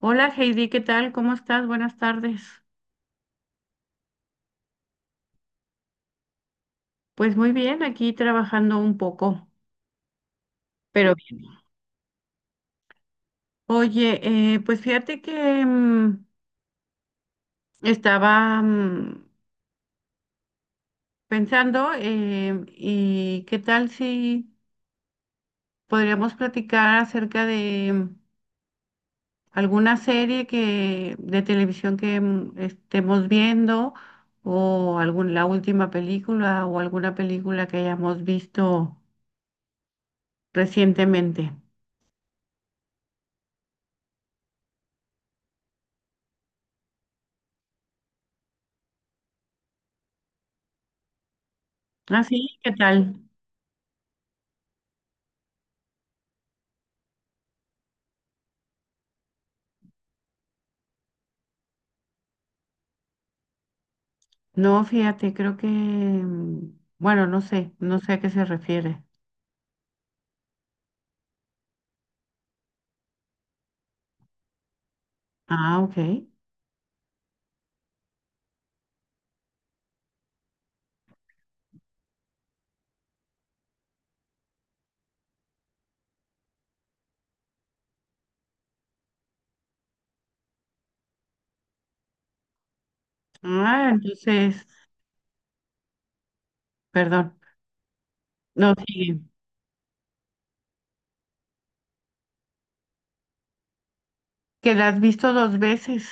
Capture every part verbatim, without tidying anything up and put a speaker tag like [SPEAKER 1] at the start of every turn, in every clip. [SPEAKER 1] Hola Heidi, ¿qué tal? ¿Cómo estás? Buenas tardes. Pues muy bien, aquí trabajando un poco, pero bien. Oye, eh, pues fíjate que mm, estaba mm, pensando, eh, y qué tal si podríamos platicar acerca de mm, alguna serie que de televisión que mm, estemos viendo o algún, la última película o alguna película que hayamos visto recientemente. Así, ¿qué tal? No, fíjate, creo que, mm, bueno, no sé, no sé a qué se refiere. Ah, ok. Ah, entonces, perdón. No, sí, que la has visto dos veces.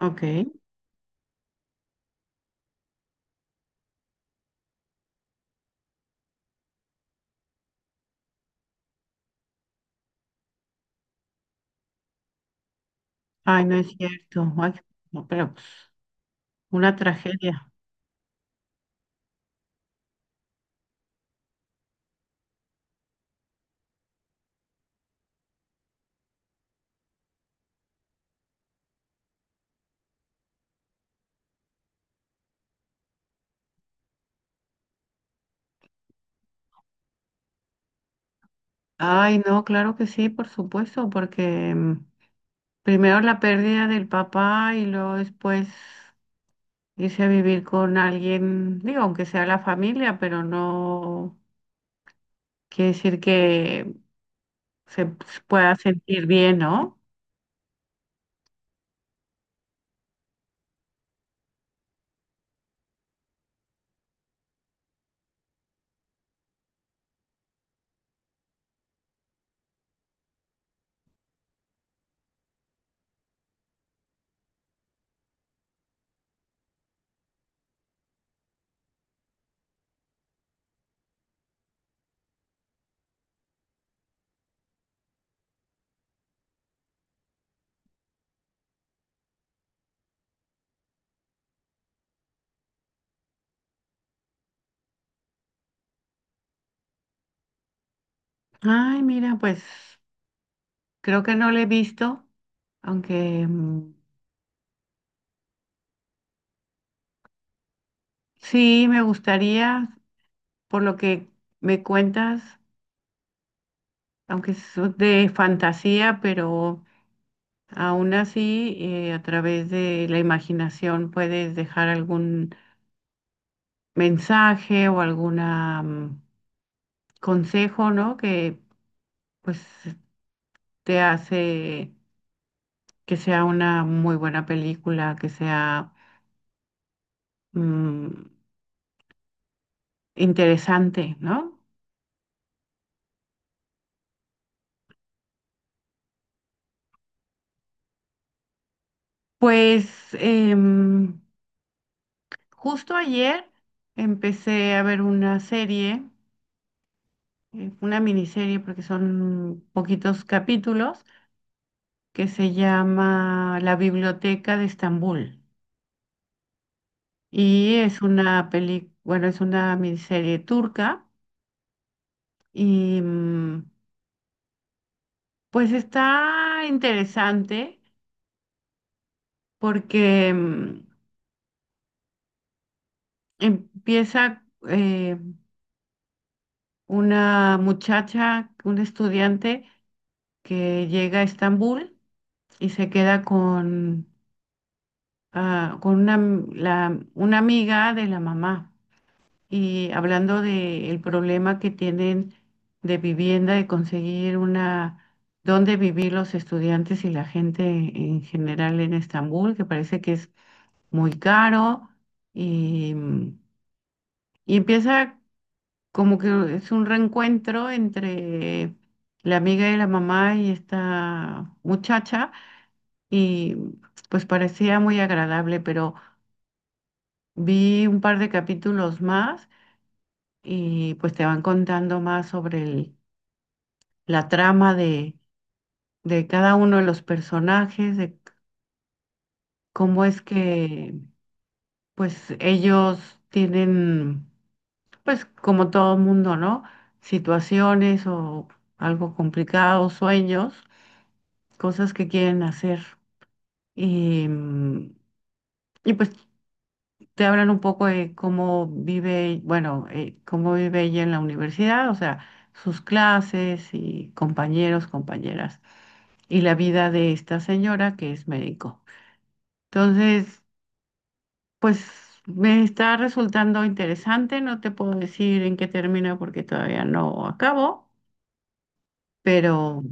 [SPEAKER 1] Ok. Ay, no es cierto. Ay, no, pero pues, una tragedia. Ay, no, claro que sí, por supuesto, porque mm, primero la pérdida del papá y luego después irse a vivir con alguien, digo, aunque sea la familia, pero no quiere decir que se pueda sentir bien, ¿no? Ay, mira, pues creo que no lo he visto, aunque, mm, sí me gustaría, por lo que me cuentas, aunque es de fantasía, pero aún así, eh, a través de la imaginación puedes dejar algún mensaje o algún consejo, ¿no? Que pues te hace que sea una muy buena película, que sea... mm, interesante, ¿no? Pues, em, justo ayer empecé a ver una serie, eh, una miniserie, porque son poquitos capítulos, que se llama La Biblioteca de Estambul. Y es una peli, bueno, es una miniserie turca y, mm, pues está interesante porque, mm, empieza, eh, una muchacha, un estudiante que llega a Estambul y se queda con, ah, con una, am- la- una amiga de la mamá. Y hablando del problema que tienen de vivienda, de conseguir una, dónde vivir los estudiantes y la gente en general en Estambul, que parece que es muy caro. Y, y empieza como que es un reencuentro entre la amiga de la mamá y esta muchacha y pues parecía muy agradable, pero vi un par de capítulos más y pues te van contando más sobre el- la trama de, de cada uno de los personajes, de cómo es que pues ellos tienen, pues como todo mundo, ¿no? Situaciones o algo complicado, sueños, cosas que quieren hacer. Y, mm, y pues te hablan un poco de cómo vive, bueno, eh, cómo vive ella en la universidad, o sea, sus clases y compañeros, compañeras, y la vida de esta señora que es médico. Entonces, pues me está resultando interesante, no te puedo decir en qué termina porque todavía no acabo, pero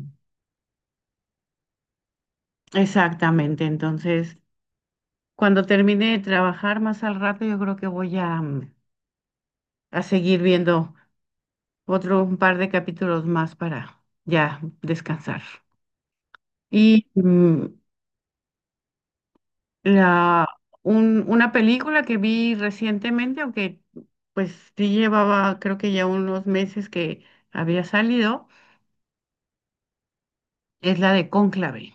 [SPEAKER 1] exactamente, entonces, cuando termine de trabajar más al rato, yo creo que voy a, mm, a seguir viendo. Otro Un par de capítulos más para ya descansar. Y, mm, la, un- una película que vi recientemente, aunque pues sí llevaba creo que ya unos meses que había salido, es la de Cónclave.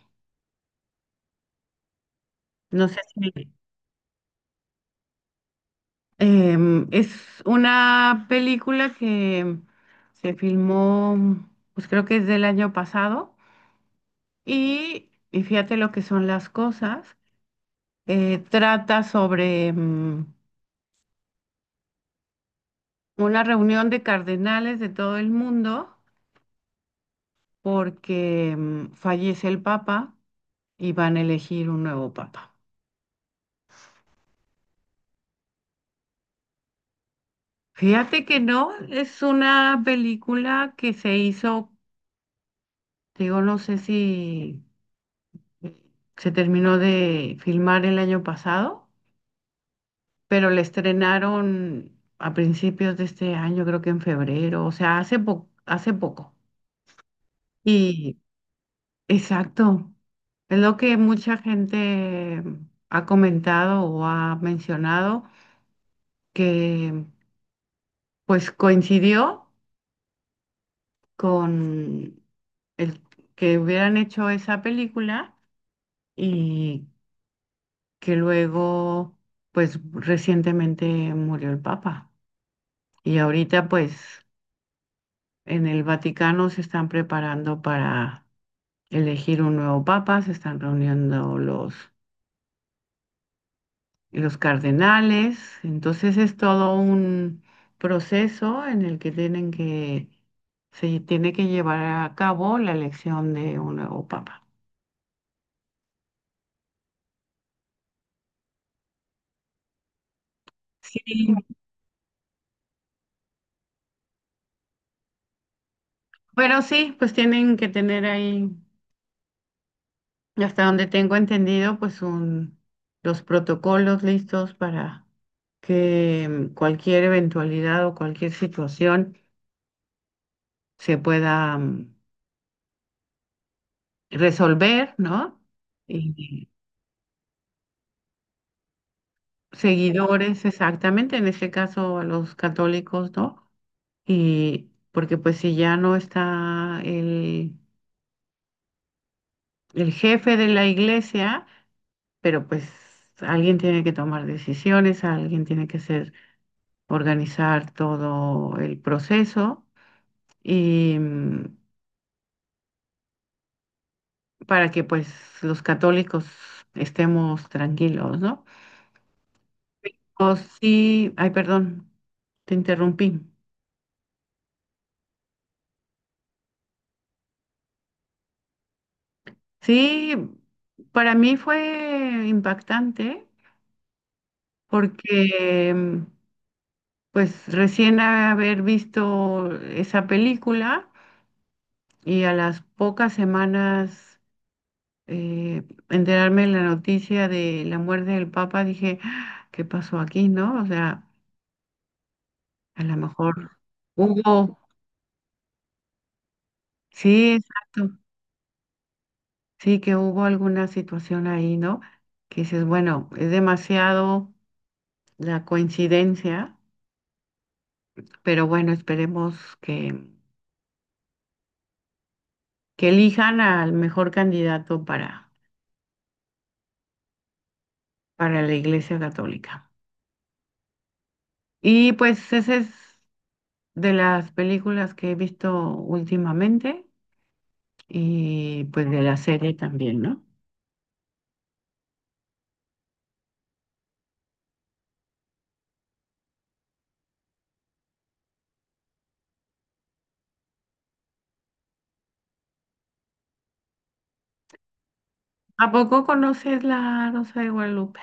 [SPEAKER 1] No sé si, em, es una película que se filmó, pues creo que es del año pasado, y, y fíjate lo que son las cosas. Eh, trata sobre... mm, una reunión de cardenales de todo el mundo porque, mm, fallece el papa y van a elegir un nuevo papa. Fíjate que no, es una película que se hizo, digo, no sé si se terminó de filmar el año pasado, pero la estrenaron a principios de este año, creo que en febrero, o sea, hace po- hace poco. Y Exacto. Es lo que mucha gente ha comentado o ha mencionado, que pues coincidió con el que hubieran hecho esa película y que luego pues recientemente murió el Papa. Y ahorita pues en el Vaticano se están preparando para elegir un nuevo Papa, se están reuniendo los los cardenales. Entonces es todo un proceso en el que tienen que, se tiene que llevar a cabo la elección de un nuevo papa. Sí, pero sí, pues tienen que tener ahí, hasta donde tengo entendido, pues un, los protocolos listos para que, mm, cualquier eventualidad o cualquier situación se pueda, mm, resolver, ¿no? Y seguidores, exactamente, en este caso a los católicos, ¿no? Y porque pues si ya no está el, el jefe de la iglesia, pero pues alguien tiene que tomar decisiones, alguien tiene que ser, organizar todo el proceso y, mm, para que pues los católicos estemos tranquilos, ¿no? O sí, ay, perdón, te interrumpí. Sí, para mí fue impactante porque, mm, pues recién haber visto esa película y a las pocas semanas, eh, enterarme de la noticia de la muerte del Papa, dije, "Ah, ¿qué pasó aquí, no?" O sea, a lo mejor hubo, sí, exacto, sí que hubo alguna situación ahí, ¿no? Que dices, bueno, es demasiado la coincidencia, pero bueno, esperemos que, que elijan al mejor candidato para, para la Iglesia Católica. Y pues esa es de las películas que he visto últimamente y pues de la serie también, ¿no? ¿A poco conoces la Rosa de Guadalupe?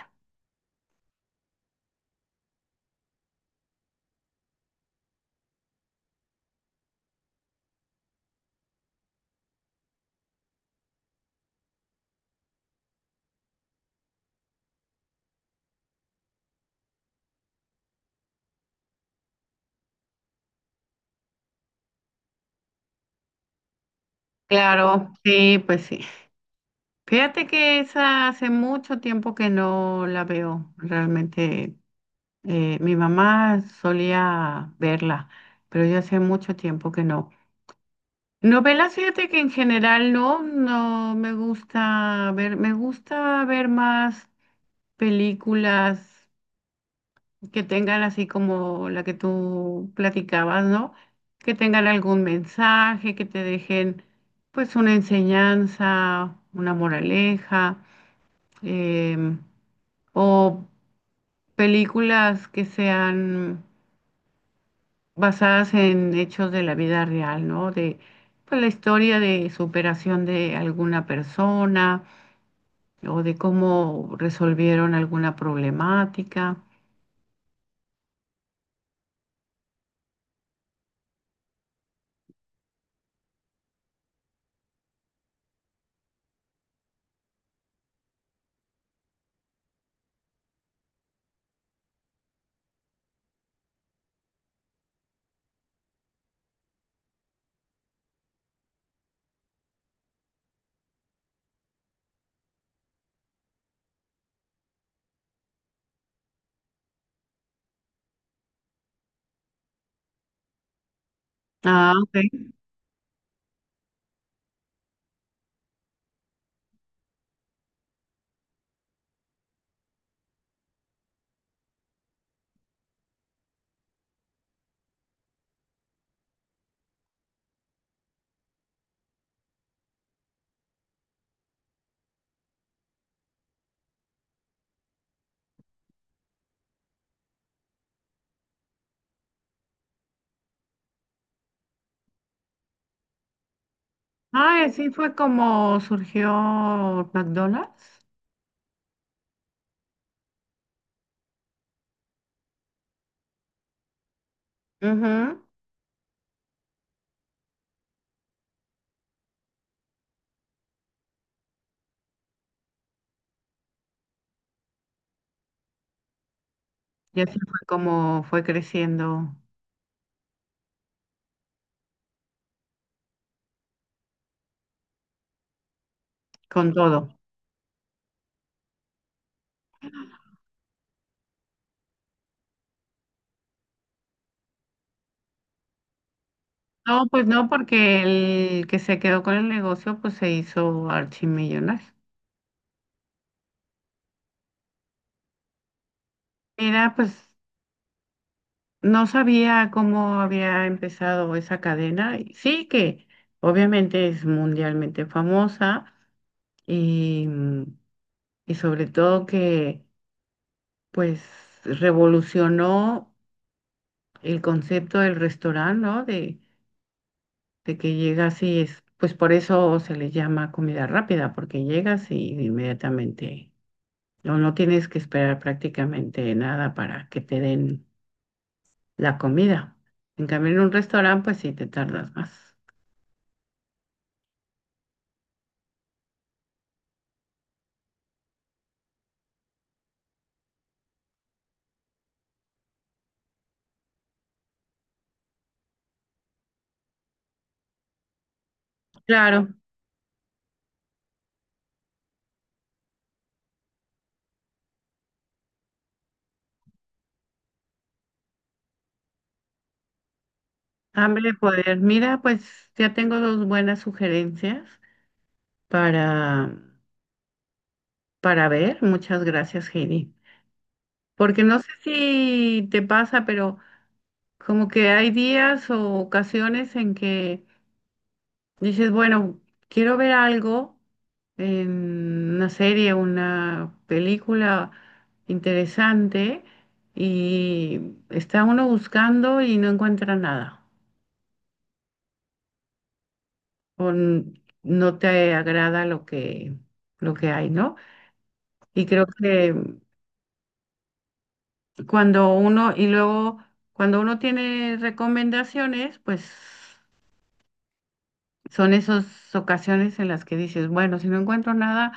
[SPEAKER 1] Claro, sí, pues sí. Fíjate que esa hace mucho tiempo que no la veo. Realmente, eh, mi mamá solía verla, pero yo hace mucho tiempo que no. Novelas, fíjate que en general no, no me gusta ver, me gusta ver más películas que tengan así como la que tú platicabas, ¿no? Que tengan algún mensaje, que te dejen pues una enseñanza, una moraleja, em, o películas que sean basadas en hechos de la vida real, ¿no? De pues, la historia de superación de alguna persona o de cómo resolvieron alguna problemática. Ah, ok. Ah, así fue como surgió McDonald's. Ujú. Y así fue como fue creciendo con todo. No, pues no, porque el que se quedó con el negocio, pues se hizo archimillonario. Mira, pues no sabía cómo había empezado esa cadena. Y sí que obviamente es mundialmente famosa y, mm, y sobre todo que pues revolucionó el concepto del restaurante, ¿no? De, de que llegas y es, pues por eso se le llama comida rápida, porque llegas y inmediatamente, no, no tienes que esperar prácticamente nada para que te den la comida. En cambio, en un restaurante, pues sí te tardas más. Claro. Hambre de poder. Mira, pues ya tengo dos buenas sugerencias para, para ver. Muchas gracias, Heidi. Porque no sé si te pasa, pero como que hay días o ocasiones en que dices, bueno, quiero ver algo en una serie, una película interesante y está uno buscando y no encuentra nada. o n- no te agrada lo que, lo que hay, ¿no? Y creo que cuando uno, y luego cuando uno tiene recomendaciones, pues son esas ocasiones en las que dices, bueno, si no encuentro nada,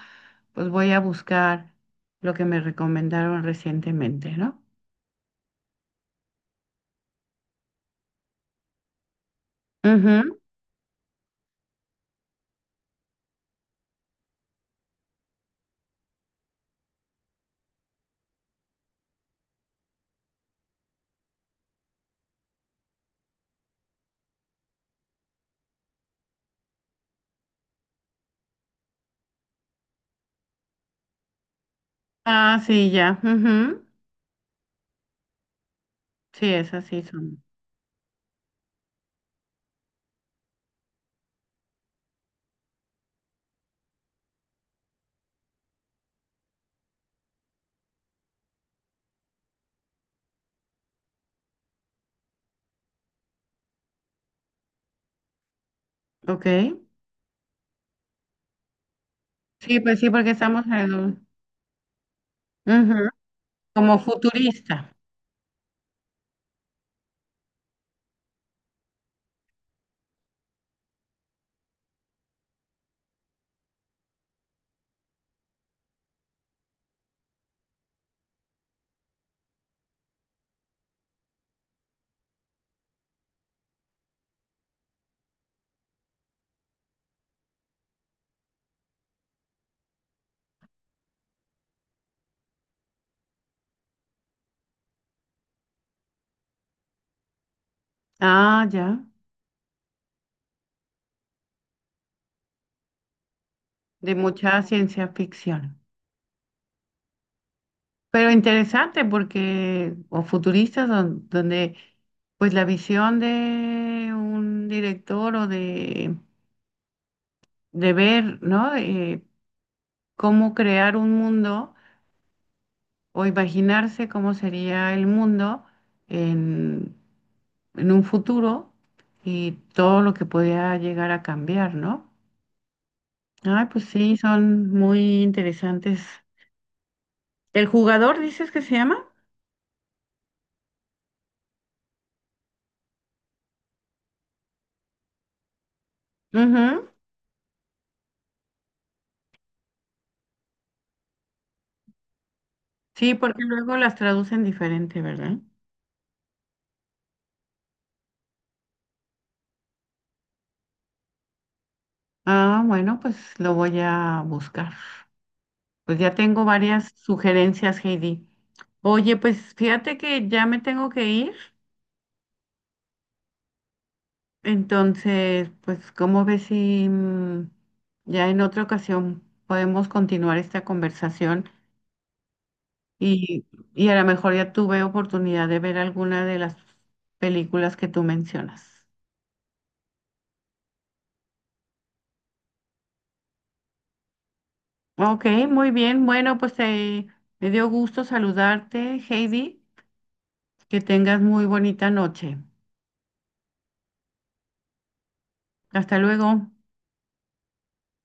[SPEAKER 1] pues voy a buscar lo que me recomendaron recientemente, ¿no? Ujú. Ah, sí, ya. Ujú. Sí, esas sí son. Ok. Sí, pues sí, porque estamos en... Ujú. Como futurista. Ah, ya. De mucha ciencia ficción. Pero interesante porque, o futuristas, don- donde pues la visión de un director o de, de ver, ¿no? Eh, cómo crear un mundo o imaginarse cómo sería el mundo en, en un futuro y todo lo que podía llegar a cambiar, ¿no? Ay, pues sí, son muy interesantes. ¿El jugador dices que se llama? Ujú. Sí, porque luego las traducen diferente, ¿verdad? Ah, bueno, pues lo voy a buscar. Pues ya tengo varias sugerencias, Heidi. Oye, pues fíjate que ya me tengo que ir. Entonces, pues, ¿cómo ves si, mm, ya en otra ocasión podemos continuar esta conversación? Y, y a lo mejor ya tuve oportunidad de ver alguna de las películas que tú mencionas. Ok, muy bien. Bueno, pues, eh, me dio gusto saludarte, Heidi. Que tengas muy bonita noche. Hasta luego.